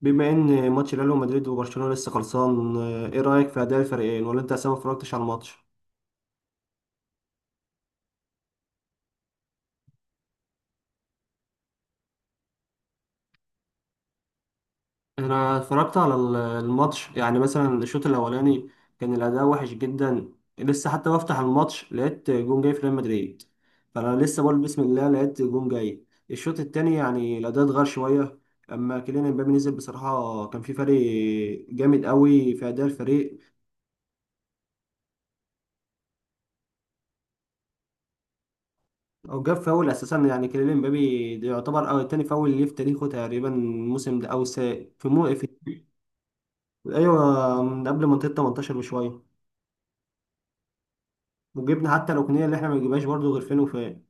بما ان ماتش ريال مدريد وبرشلونه لسه خلصان، ايه رايك في اداء الفريقين ولا انت اصلا ما اتفرجتش على الماتش؟ انا اتفرجت على الماتش، يعني مثلا الشوط الاولاني كان الاداء وحش جدا. لسه حتى بفتح الماتش لقيت جون جاي في ريال مدريد، فانا لسه بقول بسم الله لقيت جون جاي. الشوط التاني يعني الاداء اتغير شويه، اما كيليان امبابي نزل بصراحه كان في فرق جامد قوي في اداء الفريق. وجاب فاول اساسا، يعني كيليان امبابي ده يعتبر أو تاني فاول ليه في تاريخه تقريبا الموسم ده، او س... في مو في ايوه، من قبل منطقه 18 بشويه. وجبنا حتى الركنيه اللي احنا ما نجيبهاش برضه غير فين وفين.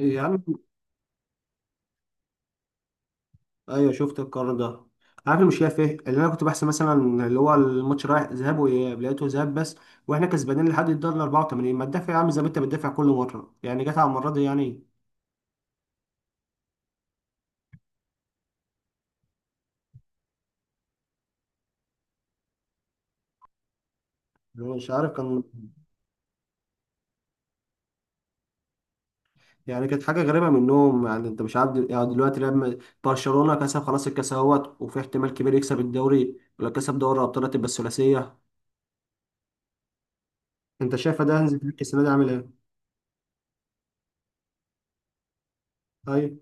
يا عم، ايوه شفت القرار ده. عارف المشكله في ايه؟ اللي انا كنت بحسب مثلا اللي هو الماتش رايح ذهاب واياب، لقيته ذهاب بس. واحنا كسبانين لحد الدقيقه 84، ما تدافع يا عم زي ما انت بتدافع كل مره، يعني جت على المره دي يعني. أنا مش عارف كان. يعني كانت حاجة غريبة منهم، يعني انت مش عارف يعني دلوقتي لما برشلونة كسب خلاص الكاس اهوت وفي احتمال كبير يكسب الدوري، ولو كسب دوري ابطال هتبقى الثلاثية. انت شايف ده هانز فليك السنة دي عامل ايه؟ ايوه.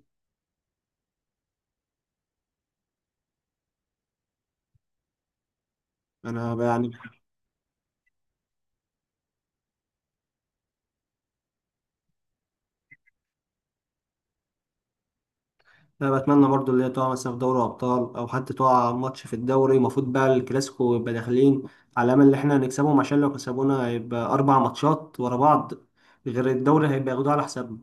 انا يعني، انا بتمنى برضو اللي هي تقع مثلا في دوري ابطال او حتى تقع ماتش في الدوري، المفروض بقى الكلاسيكو يبقى داخلين على امل ان احنا نكسبهم، عشان لو كسبونا هيبقى اربع ماتشات ورا بعض، غير الدوري هيبقى ياخدوه على حسابنا.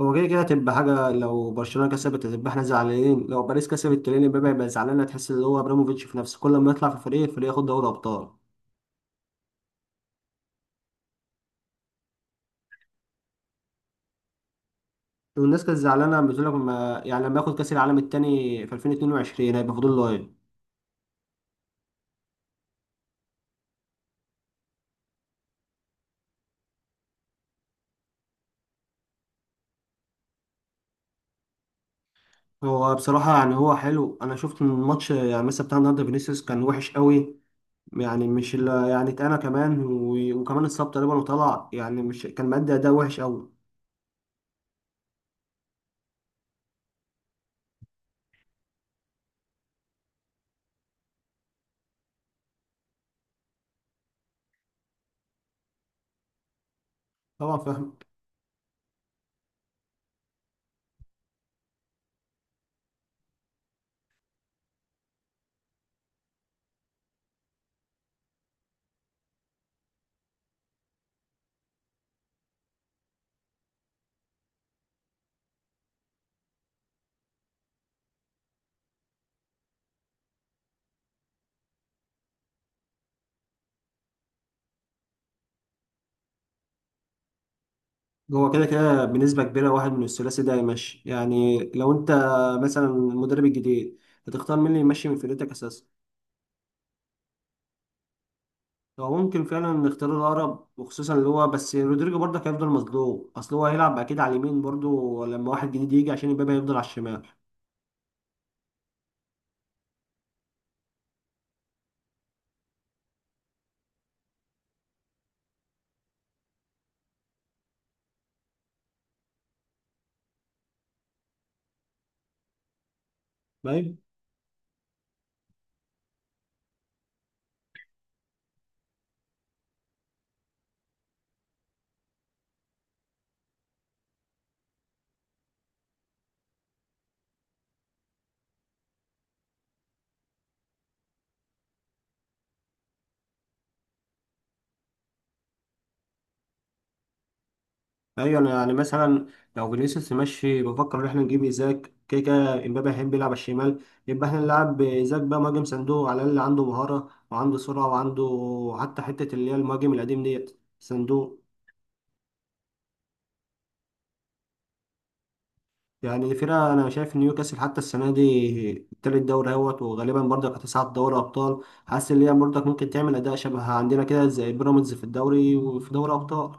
هو كده كده هتبقى حاجة، لو برشلونة كسبت هتبقى احنا زعلانين، لو باريس كسبت كيليان امبابي هيبقى زعلان، هتحس ان هو ابراموفيتش في نفسه كل ما يطلع في فريق الفريق ياخد دوري ابطال. والناس كانت زعلانة بتقول لك ما يعني لما ياخد كأس العالم التاني في 2022 هيبقى فاضل له ايه؟ هو بصراحة يعني هو حلو. انا شفت من الماتش يعني مثلا بتاع النهارده فينيسيوس كان وحش قوي، يعني مش اللي يعني اتقنا كمان، وكمان اتصاب تقريبا وطلع، يعني مش كان مادي، اداء وحش قوي. طبعا فاهم. هو كده كده بنسبة كبيرة واحد من الثلاثي ده يمشي. يعني لو انت مثلا المدرب الجديد، هتختار مين اللي يمشي من فرقتك اساسا؟ هو ممكن فعلا نختار الاقرب، وخصوصا اللي هو بس رودريجو برضه هيفضل مظلوم، اصل هو هيلعب اكيد على اليمين برضه لما واحد جديد يجي، عشان امبابي هيفضل على الشمال. ايوه، انا يعني مثلا لو فينيسيوس ماشي، بفكر ان احنا نجيب ايزاك، كده كده امبابي هيحب يلعب على الشمال، يبقى احنا نلعب ايزاك بقى مهاجم صندوق، على الاقل عنده مهاره وعنده سرعه وعنده حتى حته اللي هي المهاجم القديم ديت صندوق. يعني فرقه انا شايف ان نيوكاسل حتى السنه دي التالت دوري اهوت، وغالبا برضك هتصعد دوري ابطال. حاسس ان هي برضك ممكن تعمل اداء شبه عندنا كده زي بيراميدز في الدوري وفي دوري ابطال.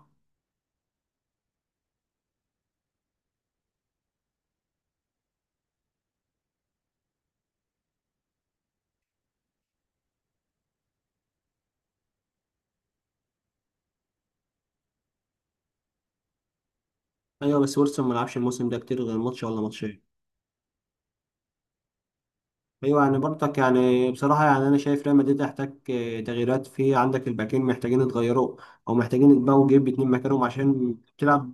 ايوه، بس ويلسون ما لعبش الموسم ده كتير، غير ماتش ولا ماتشين. ايوه، يعني برضك يعني بصراحه، يعني انا شايف ريال مدريد يحتاج تغييرات، في عندك الباكين محتاجين يتغيروا او محتاجين يتباعوا ويجيب اتنين مكانهم عشان تلعب.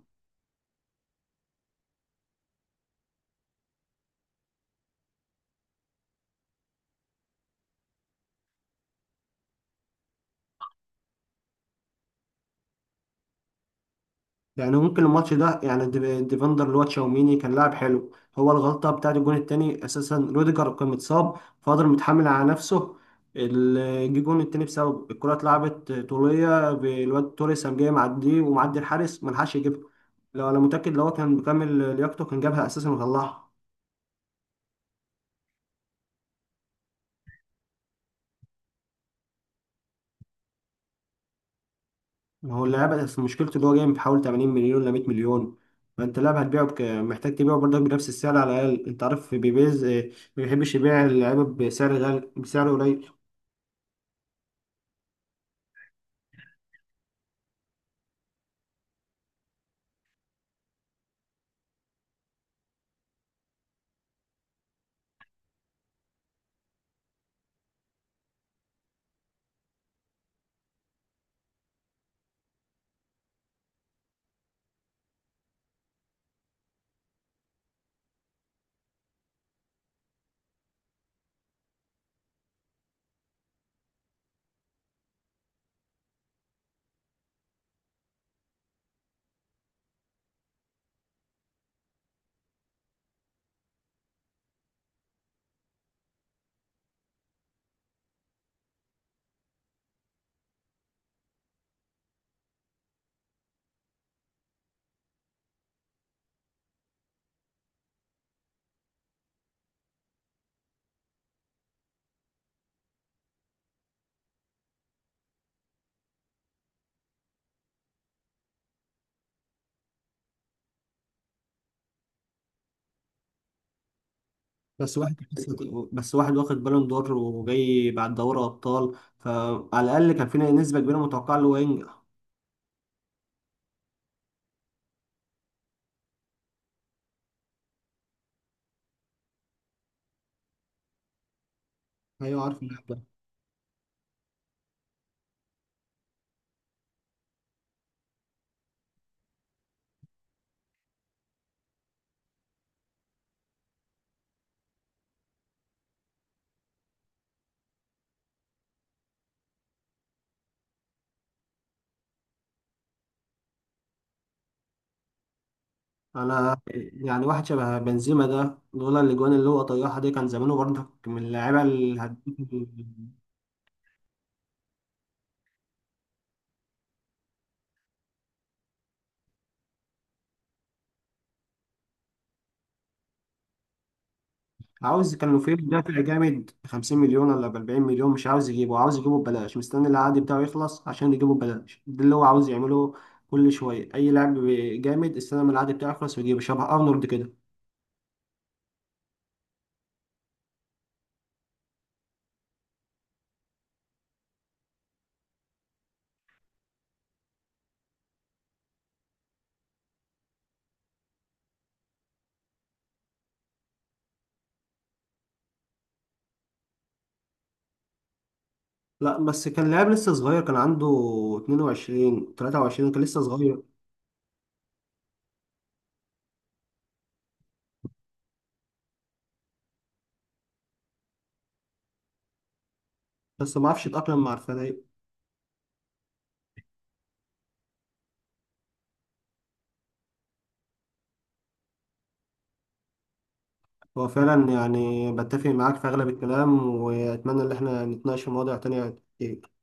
يعني ممكن الماتش ده، يعني ديفندر اللي هو تشاوميني كان لاعب حلو. هو الغلطه بتاعت الجون التاني اساسا روديجر كان متصاب، فقدر متحمل على نفسه. جه الجون التاني بسبب الكره اتلعبت طوليه بالواد توريس قام جاي معديه ومعدي الحارس، ملحقش يجيبها. لو انا متاكد لو هو كان مكمل لياقته كان جابها اساسا وطلعها. ما هو اللاعب، بس مشكلته ان هو جاي بحوالي 80 مليون ل 100 مليون. فانت لاعب هتبيعه محتاج تبيعه برضك بنفس السعر على الاقل. انت عارف بيبيز ما بيحبش يبيع اللعيبه بسعر غالي بسعر قليل. بس واحد بس واحد واخد بالون دور وجاي بعد دوري ابطال، فعلى الاقل كان في نسبه كبيره متوقعه ان هو ينجح. ايوه عارف اللاعب ده. انا يعني واحد شبه بنزيما ده لولا الاجوان اللي هو طيحها دي كان زمانه برضك من اللعيبه الهداف. عاوز، كان لو في دافع جامد ب 50 مليون ولا ب 40 مليون مش عاوز يجيبه، عاوز يجيبه ببلاش، مستني العقد بتاعه يخلص عشان يجيبه ببلاش. ده اللي هو عاوز يعمله. كل شويه اي لاعب جامد استنى ما العقد بتاعه يخلص ويجيبه، شبه ارنولد كده. لا بس كان لاعب لسه صغير، كان عنده 22 23، كان لسه صغير بس ما عرفش يتأقلم مع الفريق. هو فعلا يعني بتفق معاك في اغلب الكلام، واتمنى ان احنا نتناقش في مواضيع تانية كتير.